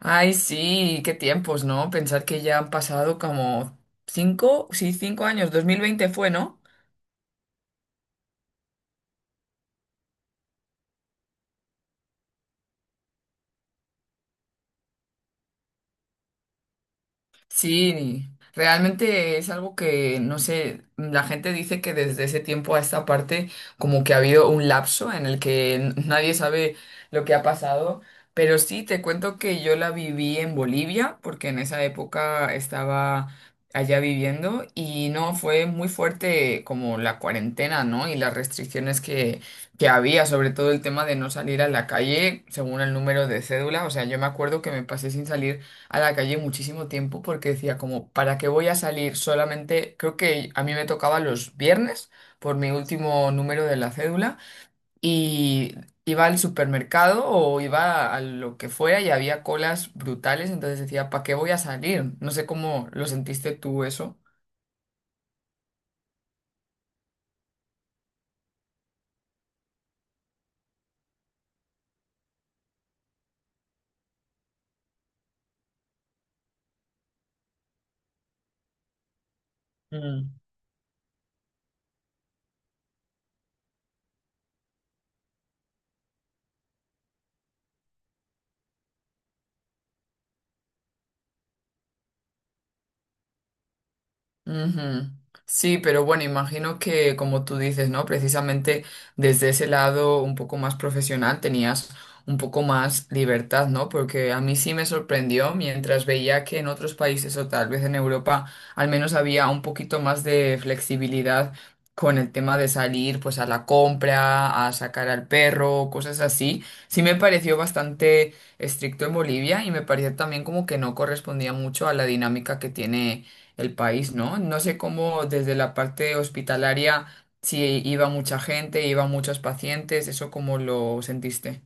Ay, sí, qué tiempos, ¿no? Pensar que ya han pasado como cinco, sí, 5 años. 2020 fue, ¿no? Sí, realmente es algo que, no sé, la gente dice que desde ese tiempo a esta parte como que ha habido un lapso en el que nadie sabe lo que ha pasado, pero sí, te cuento que yo la viví en Bolivia, porque en esa época estaba allá viviendo y no, fue muy fuerte como la cuarentena, ¿no? Y las restricciones que había, sobre todo el tema de no salir a la calle según el número de cédula, o sea, yo me acuerdo que me pasé sin salir a la calle muchísimo tiempo porque decía como, ¿para qué voy a salir? Solamente creo que a mí me tocaba los viernes por mi último número de la cédula y iba al supermercado o iba a lo que fuera y había colas brutales, entonces decía, ¿para qué voy a salir? No sé cómo lo sentiste tú eso. Ujú. Sí, pero bueno, imagino que como tú dices, ¿no? Precisamente desde ese lado un poco más profesional tenías un poco más libertad, ¿no? Porque a mí sí me sorprendió mientras veía que en otros países o tal vez en Europa al menos había un poquito más de flexibilidad con el tema de salir pues a la compra, a sacar al perro, cosas así. Sí me pareció bastante estricto en Bolivia y me pareció también como que no correspondía mucho a la dinámica que tiene el país, ¿no? No sé cómo desde la parte hospitalaria, si iba mucha gente, iban muchos pacientes, ¿eso cómo lo sentiste?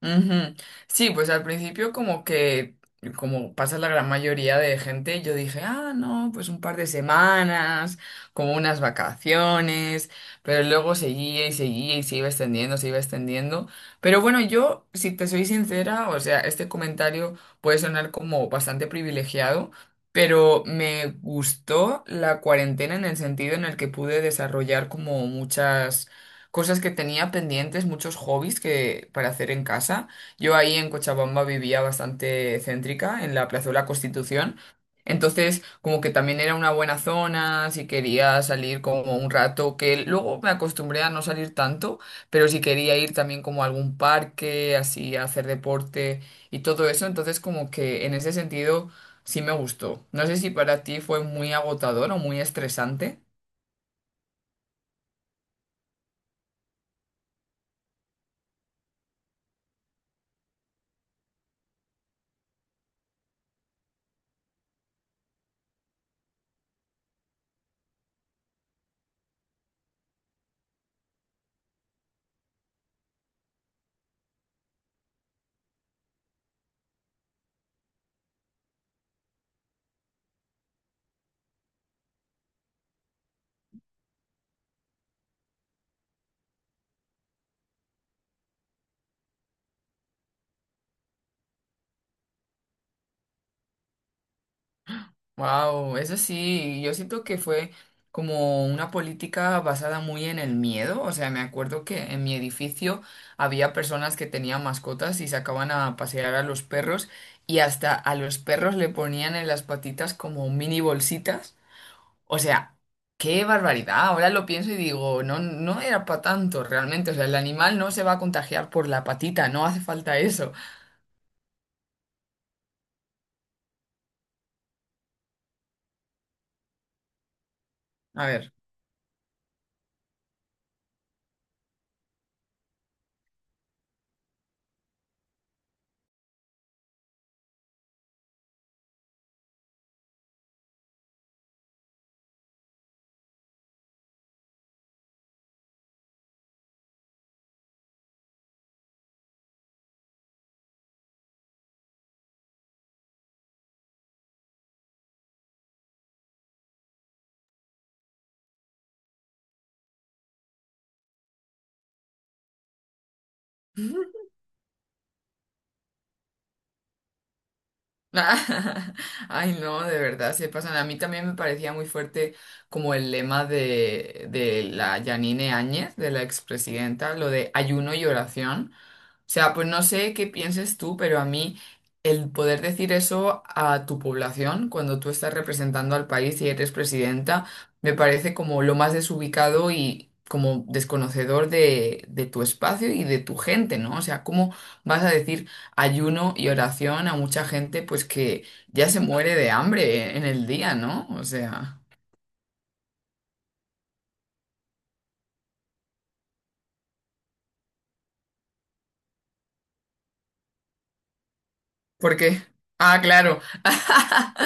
Ujú. Sí, pues al principio como que, como pasa la gran mayoría de gente, yo dije, ah, no, pues un par de semanas, como unas vacaciones, pero luego seguía y seguía y se iba extendiendo, se iba extendiendo. Pero bueno, yo, si te soy sincera, o sea, este comentario puede sonar como bastante privilegiado, pero me gustó la cuarentena en el sentido en el que pude desarrollar como muchas cosas que tenía pendientes, muchos hobbies que para hacer en casa. Yo ahí en Cochabamba vivía bastante céntrica, en la Plaza de la Constitución. Entonces, como que también era una buena zona, si quería salir como un rato, que luego me acostumbré a no salir tanto, pero si quería ir también como a algún parque, así a hacer deporte y todo eso, entonces como que en ese sentido sí me gustó. No sé si para ti fue muy agotador o muy estresante. Wow, eso sí, yo siento que fue como una política basada muy en el miedo. O sea, me acuerdo que en mi edificio había personas que tenían mascotas y sacaban a pasear a los perros y hasta a los perros le ponían en las patitas como mini bolsitas. O sea, qué barbaridad. Ahora lo pienso y digo, no, no era para tanto realmente. O sea, el animal no se va a contagiar por la patita, no hace falta eso. A ver. Ay, no, de verdad, se pasan. A mí también me parecía muy fuerte como el lema de, la Yanine Áñez, de la expresidenta, lo de ayuno y oración sea, pues no sé qué pienses tú, pero a mí el poder decir eso a tu población cuando tú estás representando al país y eres presidenta, me parece como lo más desubicado y como desconocedor de tu espacio y de tu gente, ¿no? O sea, ¿cómo vas a decir ayuno y oración a mucha gente pues que ya se muere de hambre en el día, ¿no? O sea, ¿por qué? Ah, claro.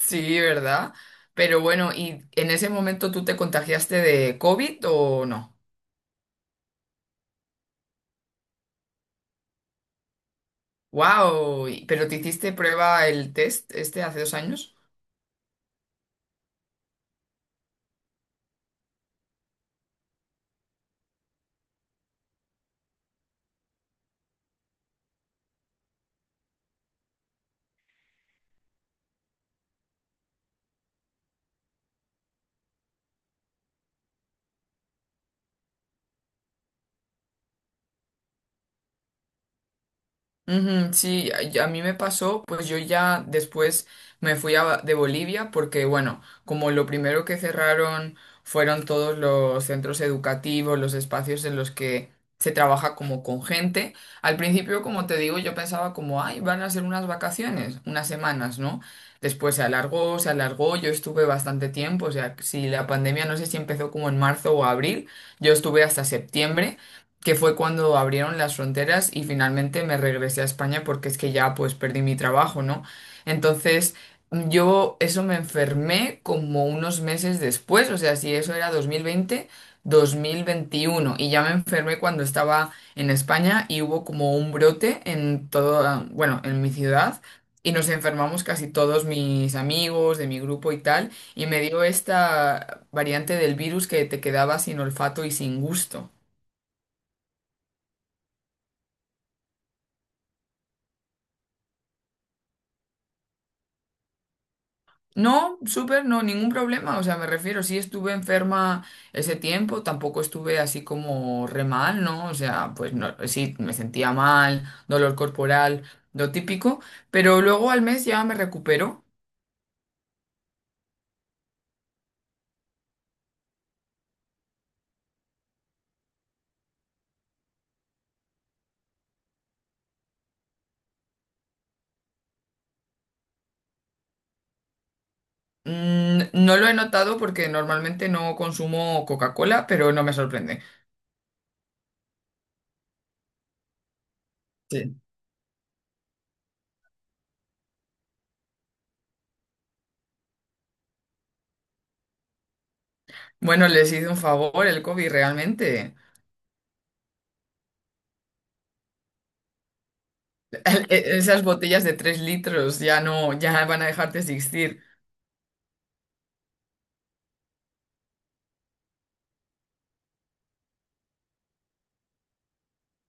Sí, ¿verdad? Pero bueno, ¿y en ese momento tú te contagiaste de COVID o no? ¡Wow! ¿Pero te hiciste prueba el test este hace 2 años? Ujú, sí, a y a mí me pasó, pues yo ya después me fui de Bolivia porque, bueno, como lo primero que cerraron fueron todos los centros educativos, los espacios en los que se trabaja como con gente, al principio, como te digo, yo pensaba como, ay, van a ser unas vacaciones, unas semanas, ¿no? Después se alargó, yo estuve bastante tiempo, o sea, si la pandemia no sé si empezó como en marzo o abril, yo estuve hasta septiembre que fue cuando abrieron las fronteras y finalmente me regresé a España porque es que ya pues perdí mi trabajo, ¿no? Entonces yo eso me enfermé como unos meses después, o sea, si eso era 2020, 2021 y ya me enfermé cuando estaba en España y hubo como un brote en todo, bueno, en mi ciudad. Y nos enfermamos casi todos mis amigos de mi grupo y tal, y me dio esta variante del virus que te quedaba sin olfato y sin gusto. No, súper, no, ningún problema. O sea, me refiero, sí estuve enferma ese tiempo, tampoco estuve así como re mal, ¿no? O sea, pues no, sí, me sentía mal, dolor corporal, lo típico, pero luego al mes ya me recupero. Mm, no lo he notado porque normalmente no consumo Coca-Cola, pero no me sorprende. Sí. Bueno, les hice un favor el COVID realmente. Esas botellas de 3 litros ya no, ya van a dejar de existir.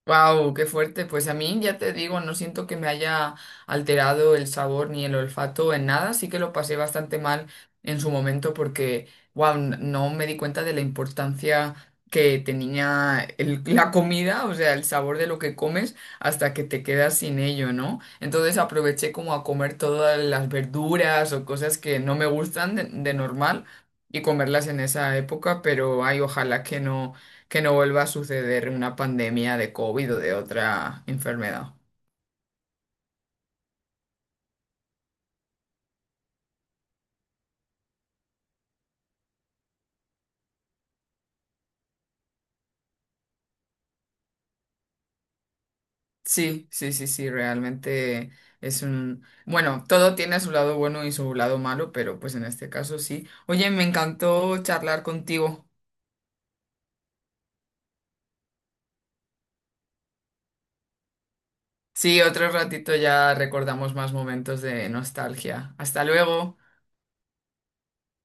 Wow, qué fuerte. Pues a mí ya te digo, no siento que me haya alterado el sabor ni el olfato en nada. Sí que lo pasé bastante mal en su momento porque, wow, no me di cuenta de la importancia que tenía la comida, o sea, el sabor de lo que comes hasta que te quedas sin ello, ¿no? Entonces aproveché como a comer todas las verduras o cosas que no me gustan de, normal y comerlas en esa época, pero ay, ojalá que no vuelva a suceder una pandemia de COVID o de otra enfermedad. Sí, sí, sí, sí, realmente es un... Bueno, todo tiene su lado bueno y su lado malo, pero pues en este caso sí. Oye, me encantó charlar contigo. Sí, otro ratito ya recordamos más momentos de nostalgia. Hasta luego.